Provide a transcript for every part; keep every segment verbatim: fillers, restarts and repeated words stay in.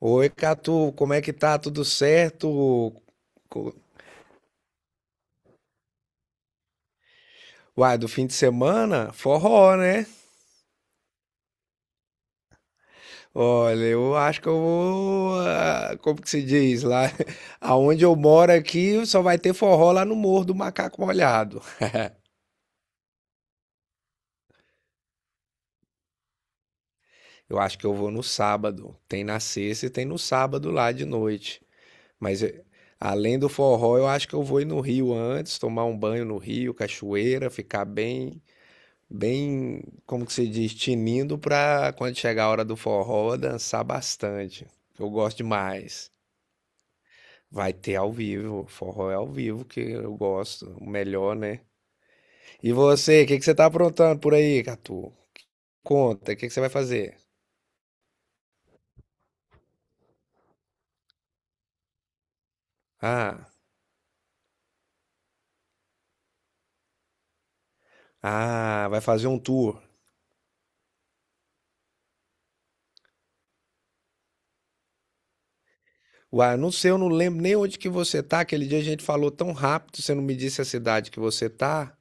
Oi, Catu, como é que tá? Tudo certo? Co- Uai, do fim de semana? Forró, né? Olha, eu acho que eu vou. ah, Como que se diz? Lá, aonde eu moro aqui, só vai ter forró lá no Morro do Macaco Molhado. Eu acho que eu vou no sábado. Tem na sexta e tem no sábado lá de noite. Mas eh, além do forró, eu acho que eu vou ir no Rio antes, tomar um banho no Rio, cachoeira, ficar bem. Bem, como que se diz, tinindo pra quando chegar a hora do forró dançar bastante. Eu gosto demais. Vai ter ao vivo, forró é ao vivo que eu gosto, o melhor, né? E você, o que que você tá aprontando por aí, Catu? Conta, o que que você vai fazer? Ah, ah, vai fazer um tour. Uai, não sei, eu não lembro nem onde que você tá. Aquele dia a gente falou tão rápido, você não me disse a cidade que você tá.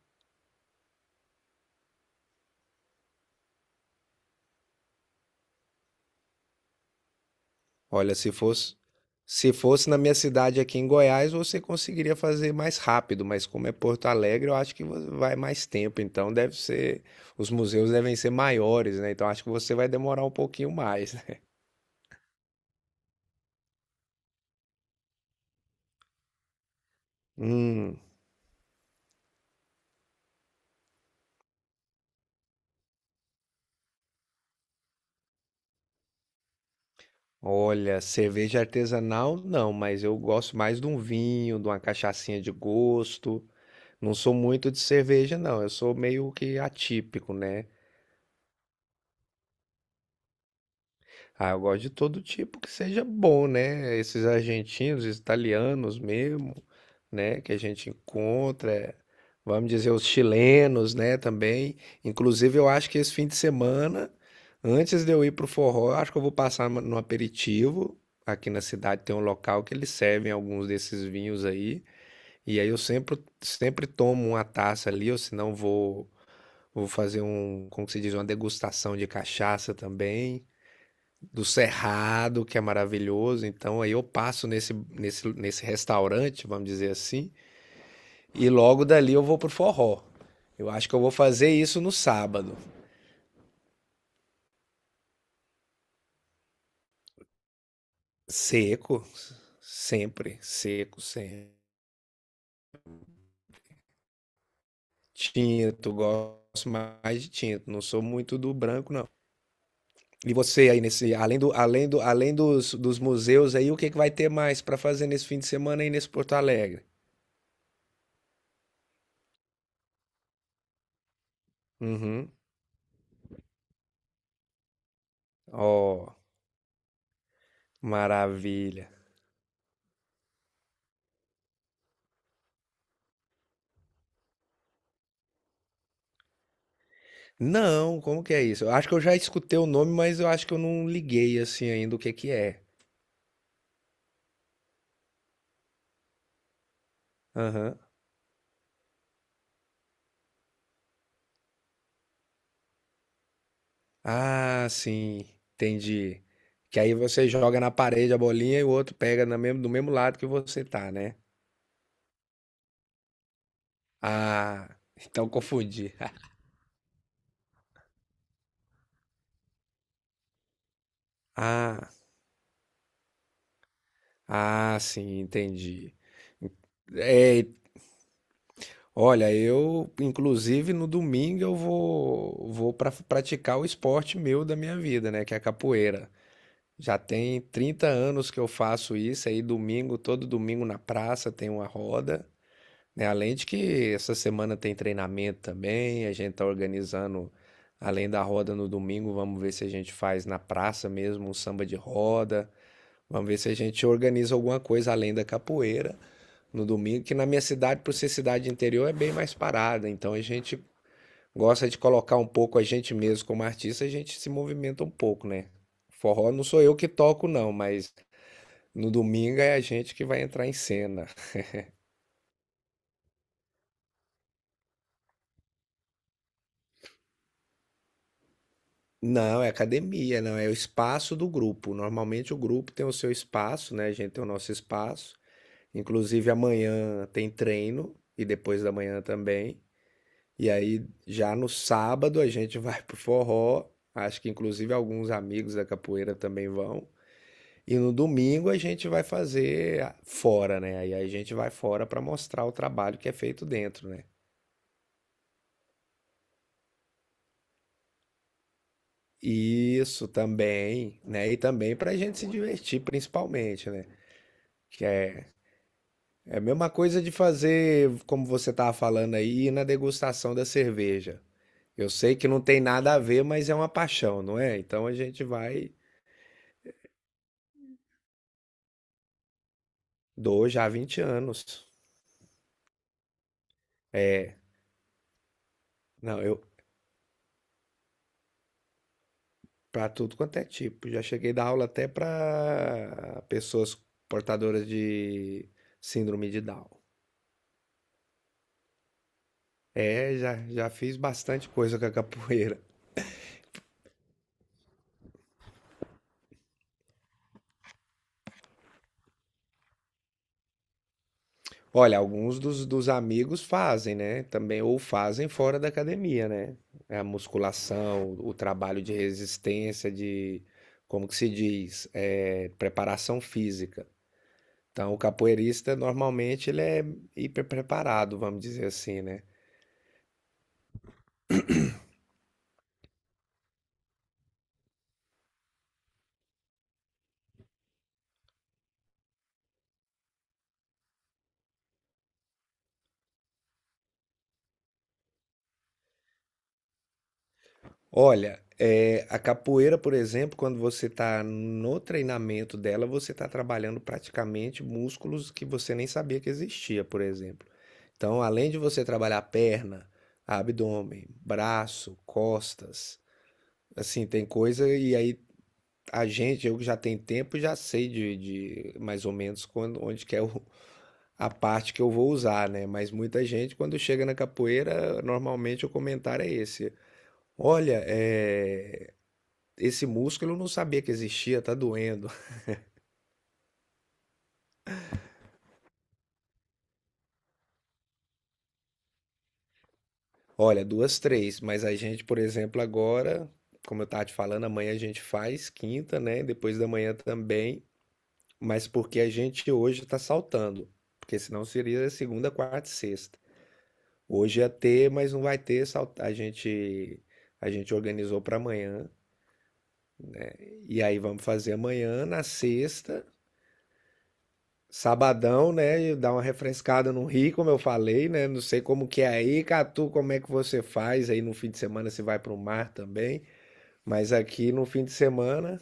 Olha, se fosse se fosse na minha cidade aqui em Goiás, você conseguiria fazer mais rápido, mas como é Porto Alegre, eu acho que vo- vai mais tempo, então deve ser, os museus devem ser maiores, né? Então acho que você vai demorar um pouquinho mais, né? Hum, olha, cerveja artesanal não, mas eu gosto mais de um vinho, de uma cachaçinha de gosto. Não sou muito de cerveja, não. Eu sou meio que atípico, né? Ah, eu gosto de todo tipo que seja bom, né? Esses argentinos, italianos mesmo, né? Que a gente encontra, vamos dizer, os chilenos, né? Também. Inclusive, eu acho que esse fim de semana, antes de eu ir pro forró, eu acho que eu vou passar no no aperitivo. Aqui na cidade tem um local que eles servem alguns desses vinhos aí. E aí eu sempre, sempre tomo uma taça ali, ou se não vou, vou fazer um, como que se diz, uma degustação de cachaça também do Cerrado, que é maravilhoso. Então aí eu passo nesse, nesse, nesse restaurante, vamos dizer assim, e logo dali eu vou pro forró. Eu acho que eu vou fazer isso no sábado. Seco, sempre, seco, sempre. Tinto, gosto mais de tinto, não sou muito do branco, não. E você aí nesse, além do, além do, além dos, dos museus aí, o que, que vai ter mais para fazer nesse fim de semana aí nesse Porto Alegre? Uhum. Ó, maravilha. Não, como que é isso? Eu acho que eu já escutei o nome, mas eu acho que eu não liguei assim ainda o que que é. Aham. Ah, sim, entendi. Que aí você joga na parede a bolinha e o outro pega na mesmo- do mesmo lado que você tá, né? Ah, então confundi. Ah, ah, sim, entendi. É, olha, eu, inclusive, no domingo eu vou, vou para praticar o esporte meu da minha vida, né? Que é a capoeira. Já tem trinta anos que eu faço isso, aí domingo, todo domingo na praça tem uma roda, né? Além de que essa semana tem treinamento também, a gente tá organizando, além da roda no domingo, vamos ver se a gente faz na praça mesmo um samba de roda, vamos ver se a gente organiza alguma coisa além da capoeira no domingo, que na minha cidade, por ser cidade interior, é bem mais parada, então a gente gosta de colocar um pouco a gente mesmo como artista, a gente se movimenta um pouco, né? Forró não sou eu que toco, não, mas no domingo é a gente que vai entrar em cena. Não, é academia, não, é o espaço do grupo. Normalmente o grupo tem o seu espaço, né? A gente tem o nosso espaço. Inclusive amanhã tem treino e depois da manhã também. E aí já no sábado a gente vai pro forró. Acho que inclusive alguns amigos da capoeira também vão. E no domingo a gente vai fazer fora, né? Aí a gente vai fora para mostrar o trabalho que é feito dentro, né? Isso também, né? E também para a gente se divertir, principalmente, né? Que é, é a mesma coisa de fazer, como você estava falando aí, ir na degustação da cerveja. Eu sei que não tem nada a ver, mas é uma paixão, não é? Então a gente vai dou já há vinte anos. É, não, eu para tudo quanto é tipo. Já cheguei a dar aula até para pessoas portadoras de síndrome de Down. É, já, já fiz bastante coisa com a capoeira. Olha, alguns dos, dos amigos fazem, né? Também, ou fazem fora da academia, né? É A musculação, o trabalho de resistência, de, como que se diz? É, preparação física. Então, o capoeirista, normalmente, ele é hiper preparado, vamos dizer assim, né? Olha, é, a capoeira, por exemplo, quando você está no treinamento dela, você está trabalhando praticamente músculos que você nem sabia que existia, por exemplo. Então, além de você trabalhar perna, abdômen, braço, costas, assim, tem coisa e aí a gente, eu que já tenho tempo, já sei de, de mais ou menos quando, onde que é o- a parte que eu vou usar, né? Mas muita gente, quando chega na capoeira, normalmente o comentário é esse. Olha, é, esse músculo eu não sabia que existia, tá doendo. Olha, duas, três, mas a gente, por exemplo, agora, como eu estava te falando, amanhã a gente faz quinta, né? Depois da manhã também. Mas porque a gente hoje está saltando. Porque senão seria segunda, quarta e sexta. Hoje ia ter, mas não vai ter. sal- A gente, a gente organizou para amanhã. E aí vamos fazer amanhã, na sexta, sabadão, né? E dar uma refrescada no Rio, como eu falei, né? Não sei como que é aí, Catu, como é que você faz? Aí no fim de semana você vai para o mar também. Mas aqui no fim de semana.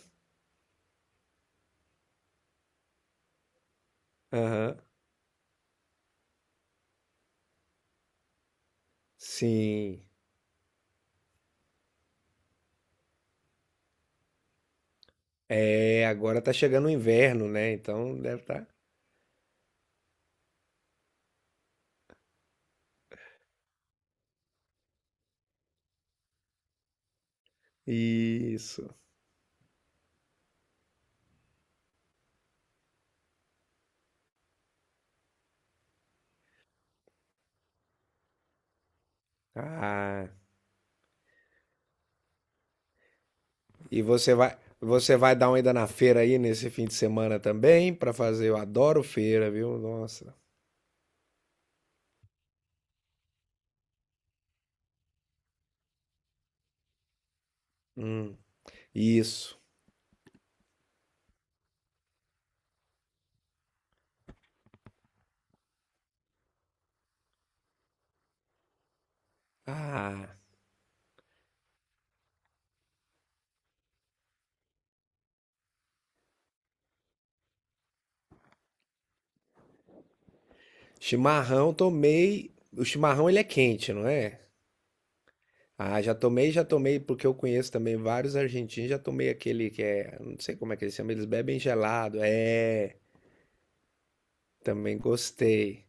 Aham, sim. É, agora tá chegando o inverno, né? Então deve estar. Isso. Ah, e você vai, você vai dar uma ida na feira aí nesse fim de semana também para fazer. Eu adoro feira, viu? Nossa. Hum, isso. Ah, chimarrão tomei. O chimarrão ele é quente, não é? Ah, já tomei, já tomei, porque eu conheço também vários argentinos. Já tomei aquele que é, não sei como é que eles chamam, eles bebem gelado. É, também gostei.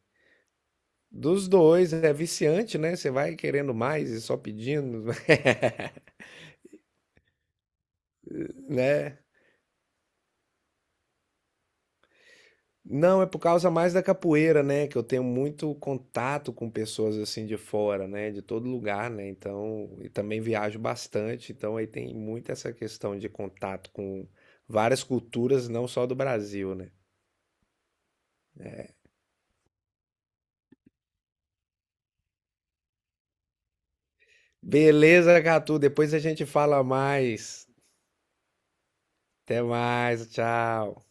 Dos dois, é viciante, né? Você vai querendo mais e só pedindo, né? Não, é por causa mais da capoeira, né? Que eu tenho muito contato com pessoas assim de fora, né? De todo lugar, né? Então, e também viajo bastante, então aí tem muito essa questão de contato com várias culturas, não só do Brasil, né? Beleza, Gatu, depois a gente fala mais. Até mais, tchau.